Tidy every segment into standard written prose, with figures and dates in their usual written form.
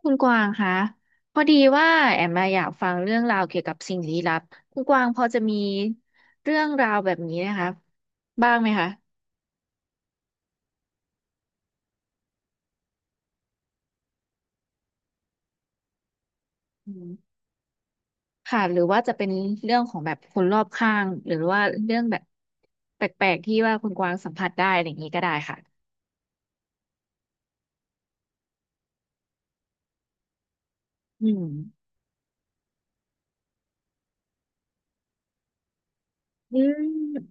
คุณกวางคะพอดีว่าแอมมาอยากฟังเรื่องราวเกี่ยวกับสิ่งลี้ลับคุณกวางพอจะมีเรื่องราวแบบนี้นะคะบ้างไหมคะอืมค่ะหรือว่าจะเป็นเรื่องของแบบคนรอบข้างหรือว่าเรื่องแบบแปลกๆที่ว่าคุณกวางสัมผัสได้อะไรอย่างนี้ก็ได้ค่ะอืมอืม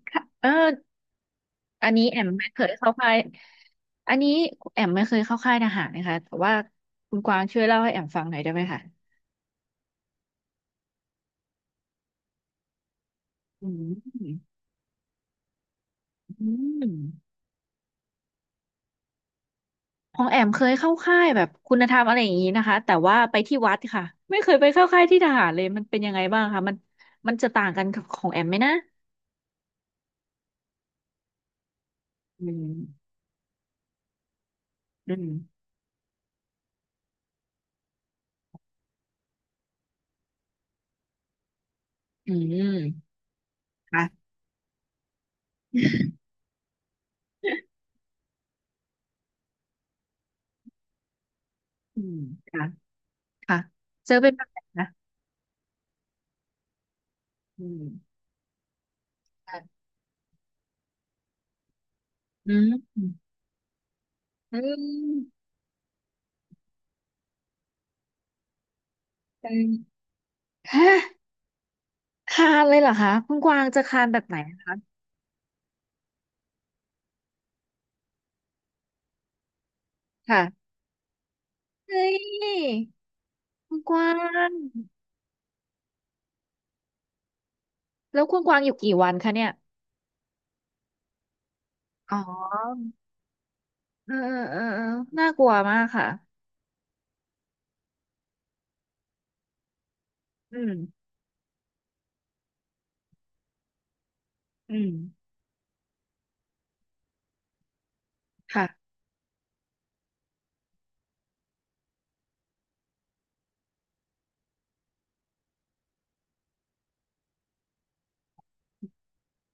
ค่ะเอออันนี้แอมไม่เคยเข้าค่ายอันนี้แอมไม่เคยเข้าค่ายทหารนะคะแต่ว่าคุณกวางช่วยเล่าให้แอมฟังหน่อยได้ไหมคะอืมอืม ของแอมเคยเข้าค่ายแบบคุณธรรมอะไรอย่างนี้นะคะแต่ว่าไปที่วัดค่ะไม่เคยไปเข้าค่ายที่ทหารเลยมันเป็นยังไงบ้างคะมันจะต่างกันกับของแอมไหมนะอืมอืมอืมค่ะอืมค่ะค่ะเจอเป็นแบบไหนนะอืมค่ะอืมอืมอืมฮะคานเลยเหรอคะคุณกวางจะคานแบบไหนนะคะค่ะเฮ้ยคุณกวางแล้วคุณกวางอยู่กี่วันคะเนี่ยอ๋อ เออเออเออน่ากลัวมากค่ะอืมอืมค่ะ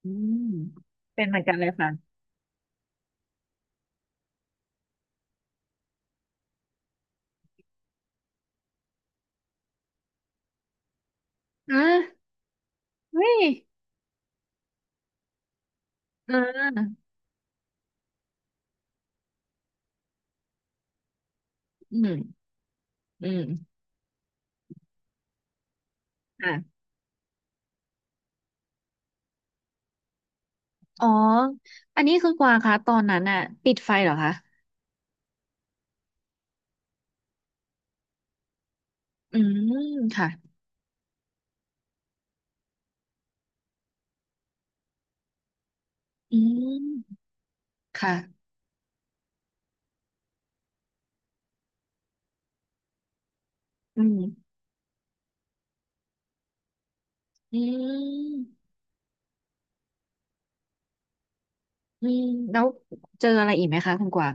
อืมเป็นเหมือนกันเลยค่ะอ่ะเฮ้ยเอออืมอืมค่ะอ๋ออันนี้คือกวางคะตอนนั้นน่ะปิดไฟเหรอคะอืมค่ะอืมค่ะอืมอืมอืมแล้วเจออะไรอีกไหมคะคุณกวาง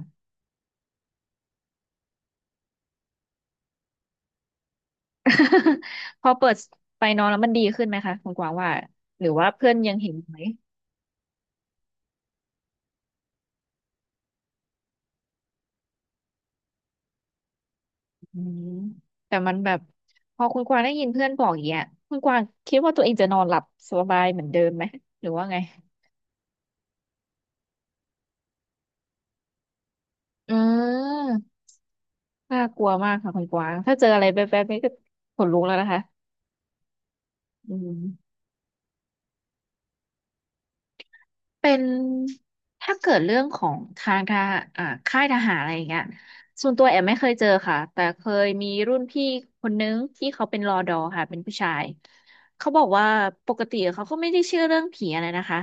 พอเปิดไฟนอนแล้วมันดีขึ้นไหมคะคุณกวางว่าหรือว่าเพื่อนยังเห็นไหม อืมแต่มันแบบพอคุณกวางได้ยินเพื่อนบอกอย่างเงี้ยคุณกวางคิดว่าตัวเองจะนอนหลับสบายเหมือนเดิมไหมหรือว่าไงอืมน่ากลัวมากค่ะคุณกวางถ้าเจออะไรแบบๆนี้ก็ขนลุกแล้วนะคะอืม เป็นถ้าเกิดเรื่องของทางทหารอ่าค่ายทหารอะไรอย่างเงี้ยส่วนตัวแอมไม่เคยเจอค่ะแต่เคยมีรุ่นพี่คนนึงที่เขาเป็นรอดอค่ะเป็นผู้ชายเขาบอกว่าปกติเขาก็ไม่ได้เชื่อเรื่องผีอะไรนะคะ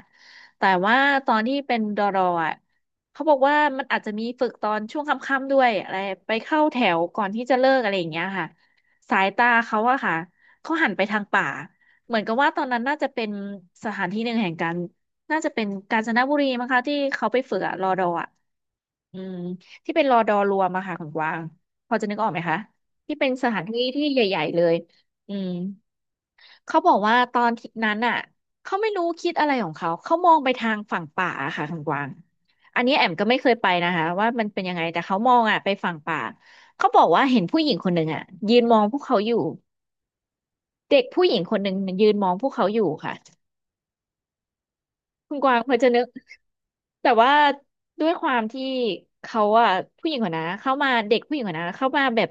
แต่ว่าตอนที่เป็นดอรออ่ะเขาบอกว่ามันอาจจะมีฝึกตอนช่วงค่ำๆด้วยอะไรไปเข้าแถวก่อนที่จะเลิกอะไรอย่างเงี้ยค่ะสายตาเขาอะค่ะเขาหันไปทางป่าเหมือนกับว่าตอนนั้นน่าจะเป็นสถานที่หนึ่งแห่งการ น่าจะเป็นกาญจนบุรีมั้งคะที่เขาไปฝึกอะรอดออะอืมที่เป็นรอดอรวมอะค่ะของกวางพอจะนึกออกไหมคะที่เป็นสถานที่ที่ใหญ่ๆเลยอืมเขาบอกว่าตอนที่นั้นอะเขาไม่รู้คิดอะไรของเขาเขามองไปทางฝั่งป่าอะค่ะของกวางอันนี้แอมก็ไม่เคยไปนะคะว่ามันเป็นยังไงแต่เขามองอะไปฝั่งป่าเขาบอกว่าเห็นผู้หญิงคนหนึ่งอะยืนมองพวกเขาอยู่เด็กผู้หญิงคนหนึ่งยืนมองพวกเขาอยู่ค่ะ คุณกวางพอจะนึกแต่ว่าด้วยความที่เขาอะผู้หญิงคนนะเข้ามาเด็กผู้หญิงคนนะเข้ามาแบบ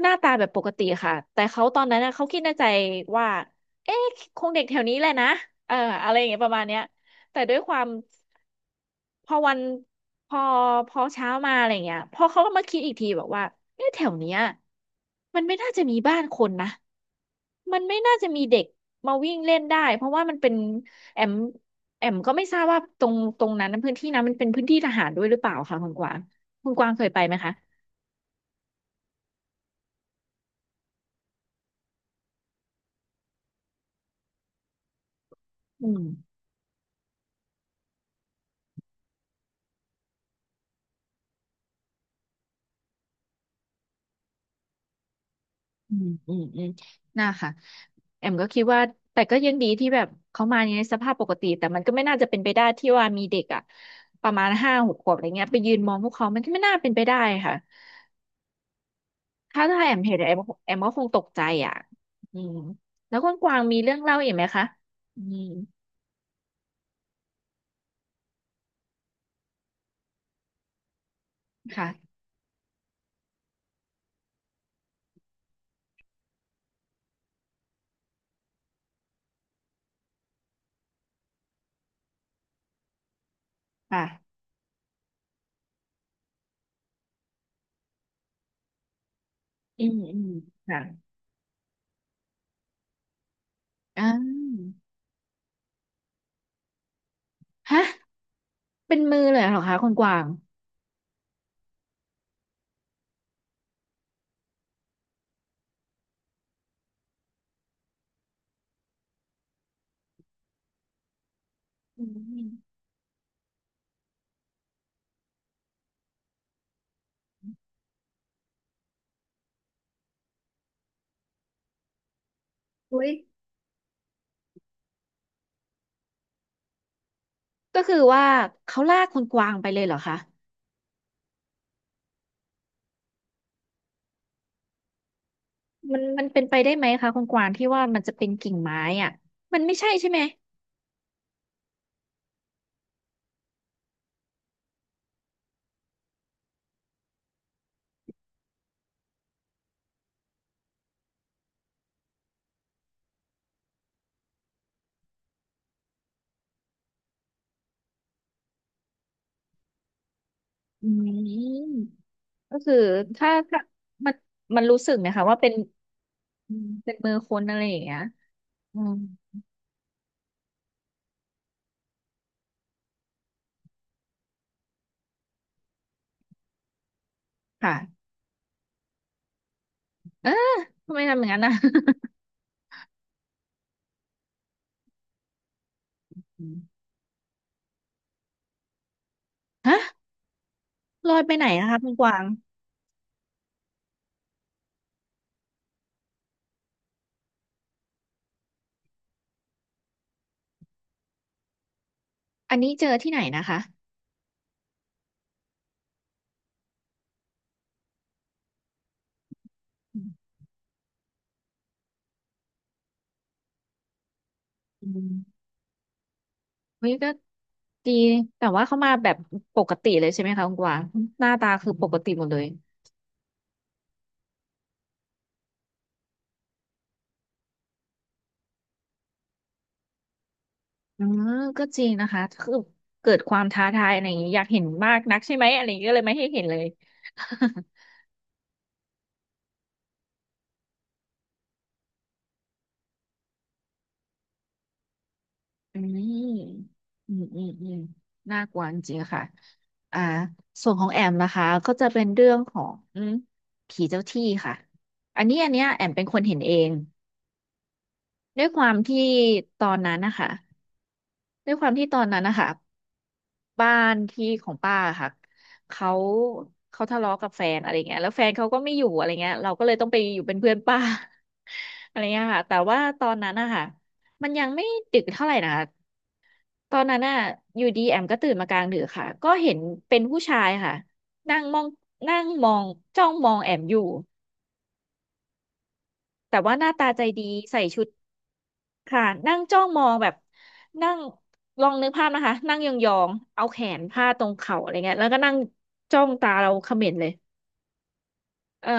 หน้าตาแบบปกติค่ะแต่เขาตอนนั้นนะเขาคิดในใจว่าเอ๊ะคงเด็กแถวนี้แหละนะเอออะไรอย่างเงี้ยประมาณเนี้ยแต่ด้วยความ พอวันพอพอเช้ามาอะไรเงี้ยพอเขาก็มาคิดอีกทีบอกว่าเอ๊ะแถวเนี้ยมันไม่น่าจะมีบ้านคนนะมันไม่น่าจะมีเด็กมาวิ่งเล่นได้เพราะว่ามันเป็นแอมแอมก็ไม่ทราบว่าตรงนั้นพื้นที่นั้นมันเป็นพื้นที่ทหารด้วยหรือเปล่าคะคุณกวางคุณกวางเคยไปไหมคะอืม อืมอืมอืม น่าค่ะแอมก็คิดว่าแต่ก็ยังดีที่แบบเขามาในสภาพปกติแต่มันก็ไม่น่าจะเป็นไปได้ที่ว่ามีเด็กอ่ะประมาณห้าหกขวบอะไรเงี้ยไปยืนมองพวกเขามันก็ไม่น่าเป็นไปได้ค่ะถ้าแอมเห็นแอมแอมก็คงตกใจอ่ะอืมแล้วคุณกวางมีเรื่องเล่าอีกไหมคะอืมค่ะค่ะอืมอืมค่ะอ่าฮะเป็นมือเลยเหรอคะคุณกวางอืมอุ้ยก็คือว่าเขาลากคุณกวางไปเลยเหรอคะ มันมันเป็นไปได้ไหมคะคุณกวางที่ว่ามันจะเป็นกิ่งไม้อ่ะมันไม่ใช่ใช่ไหมอืมก็คือถ้าถ้ามันมันรู้สึกนะคะว่าเป็นอืมเป็นมือคนอะไรอย่างเงี้ยอืมค่ะเออทำไมทำอย่างนั้นนะ อืมฮะลอยไปไหนนะคะคุณกวางอันนี้เจอที่ไหนนะคะอืมอืมเฮ้ยก็ดีแต่ว่าเขามาแบบปกติเลยใช่ไหมคะคุณกวางหน้าตาคือปกติหมดเลย อืมก็จริงนะคะคือเกิดความท้าทายอะไรอย่างนี้อยากเห็นมากนักใช่ไหมอะไรอย่างนี้ก็เลยไม่ให้เห็นเลย อืมอืมอืมอืมน่ากลัวจริงๆค่ะอ่าส่วนของแอมนะคะก็จะเป็นเรื่องของผีเจ้าที่ค่ะอันนี้อันเนี้ยแอมเป็นคนเห็นเองด้วยความที่ตอนนั้นนะคะด้วยความที่ตอนนั้นนะคะ บ้านที่ของป้าค่ะเขาเขาทะเลาะกับแฟนอะไรเงี้ยแล้วแฟนเขาก็ไม่อยู่อะไรเงี้ยเราก็เลยต้องไปอยู่เป็นเพื่อนป้า อะไรเงี้ยค่ะแต่ว่าตอนนั้นอะค่ะมันยังไม่ดึกเท่าไหร่นะคะตอนนั้นอะอยู่ดีแอมก็ตื่นมากลางดึกค่ะก็เห็นเป็นผู้ชายค่ะนั่งมองนั่งมองจ้องมองแอมอยู่แต่ว่าหน้าตาใจดีใส่ชุด ค่ะนั่งจ้องมองแบบนั่งลองนึกภาพนะคะนั่งยองๆเอาแขนพาดตรงเข่าอะไรเงี้ยแล้วก็นั่งจ้องตาเราเขม็งเลยเออ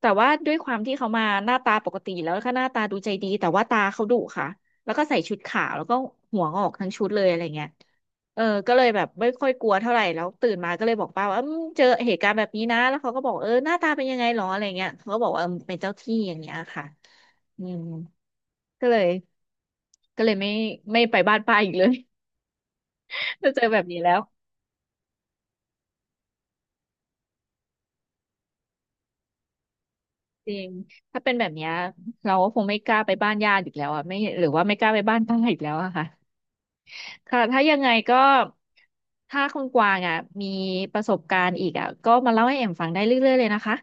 แต่ว่าด้วยความที่เขามาหน้าตาปกติแล้วก็หน้าตาดูใจดีแต่ว่าตาเขาดุค่ะแล้วก็ใส่ชุดขาวแล้วก็หัวงอกทั้งชุดเลยอะไรเงี้ยเออก็เลยแบบไม่ค่อยกลัวเท่าไหร่แล้วตื่นมาก็เลยบอกป้าว่าเอมเจอเหตุการณ์แบบนี้นะแล้วเขาก็บอกเออหน้าตาเป็นยังไงหรออะไรเงี้ยเขาก็บอกว่าเออเป็นเจ้าที่อย่างเงี้ยค่ะอืมก็เลย ก็เลยไม่ไปบ้านป้าอีกเลย ถ้าเจอแบบนี้แล้วจริงถ้าเป็นแบบเนี้ยเราก็คงไม่กล้าไปบ้านญาติอีกแล้วอะไม่หรือว่าไม่กล้าไปบ้านป้าอีกแล้วอะค่ะค่ะถ้ายังไงก็ถ้าคุณกวางอ่ะมีประสบการณ์อีกอ่ะก็มาเล่าให้เอ็มฟังได้เรื่อยๆเลยนะคะ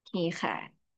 โอเคค่ะ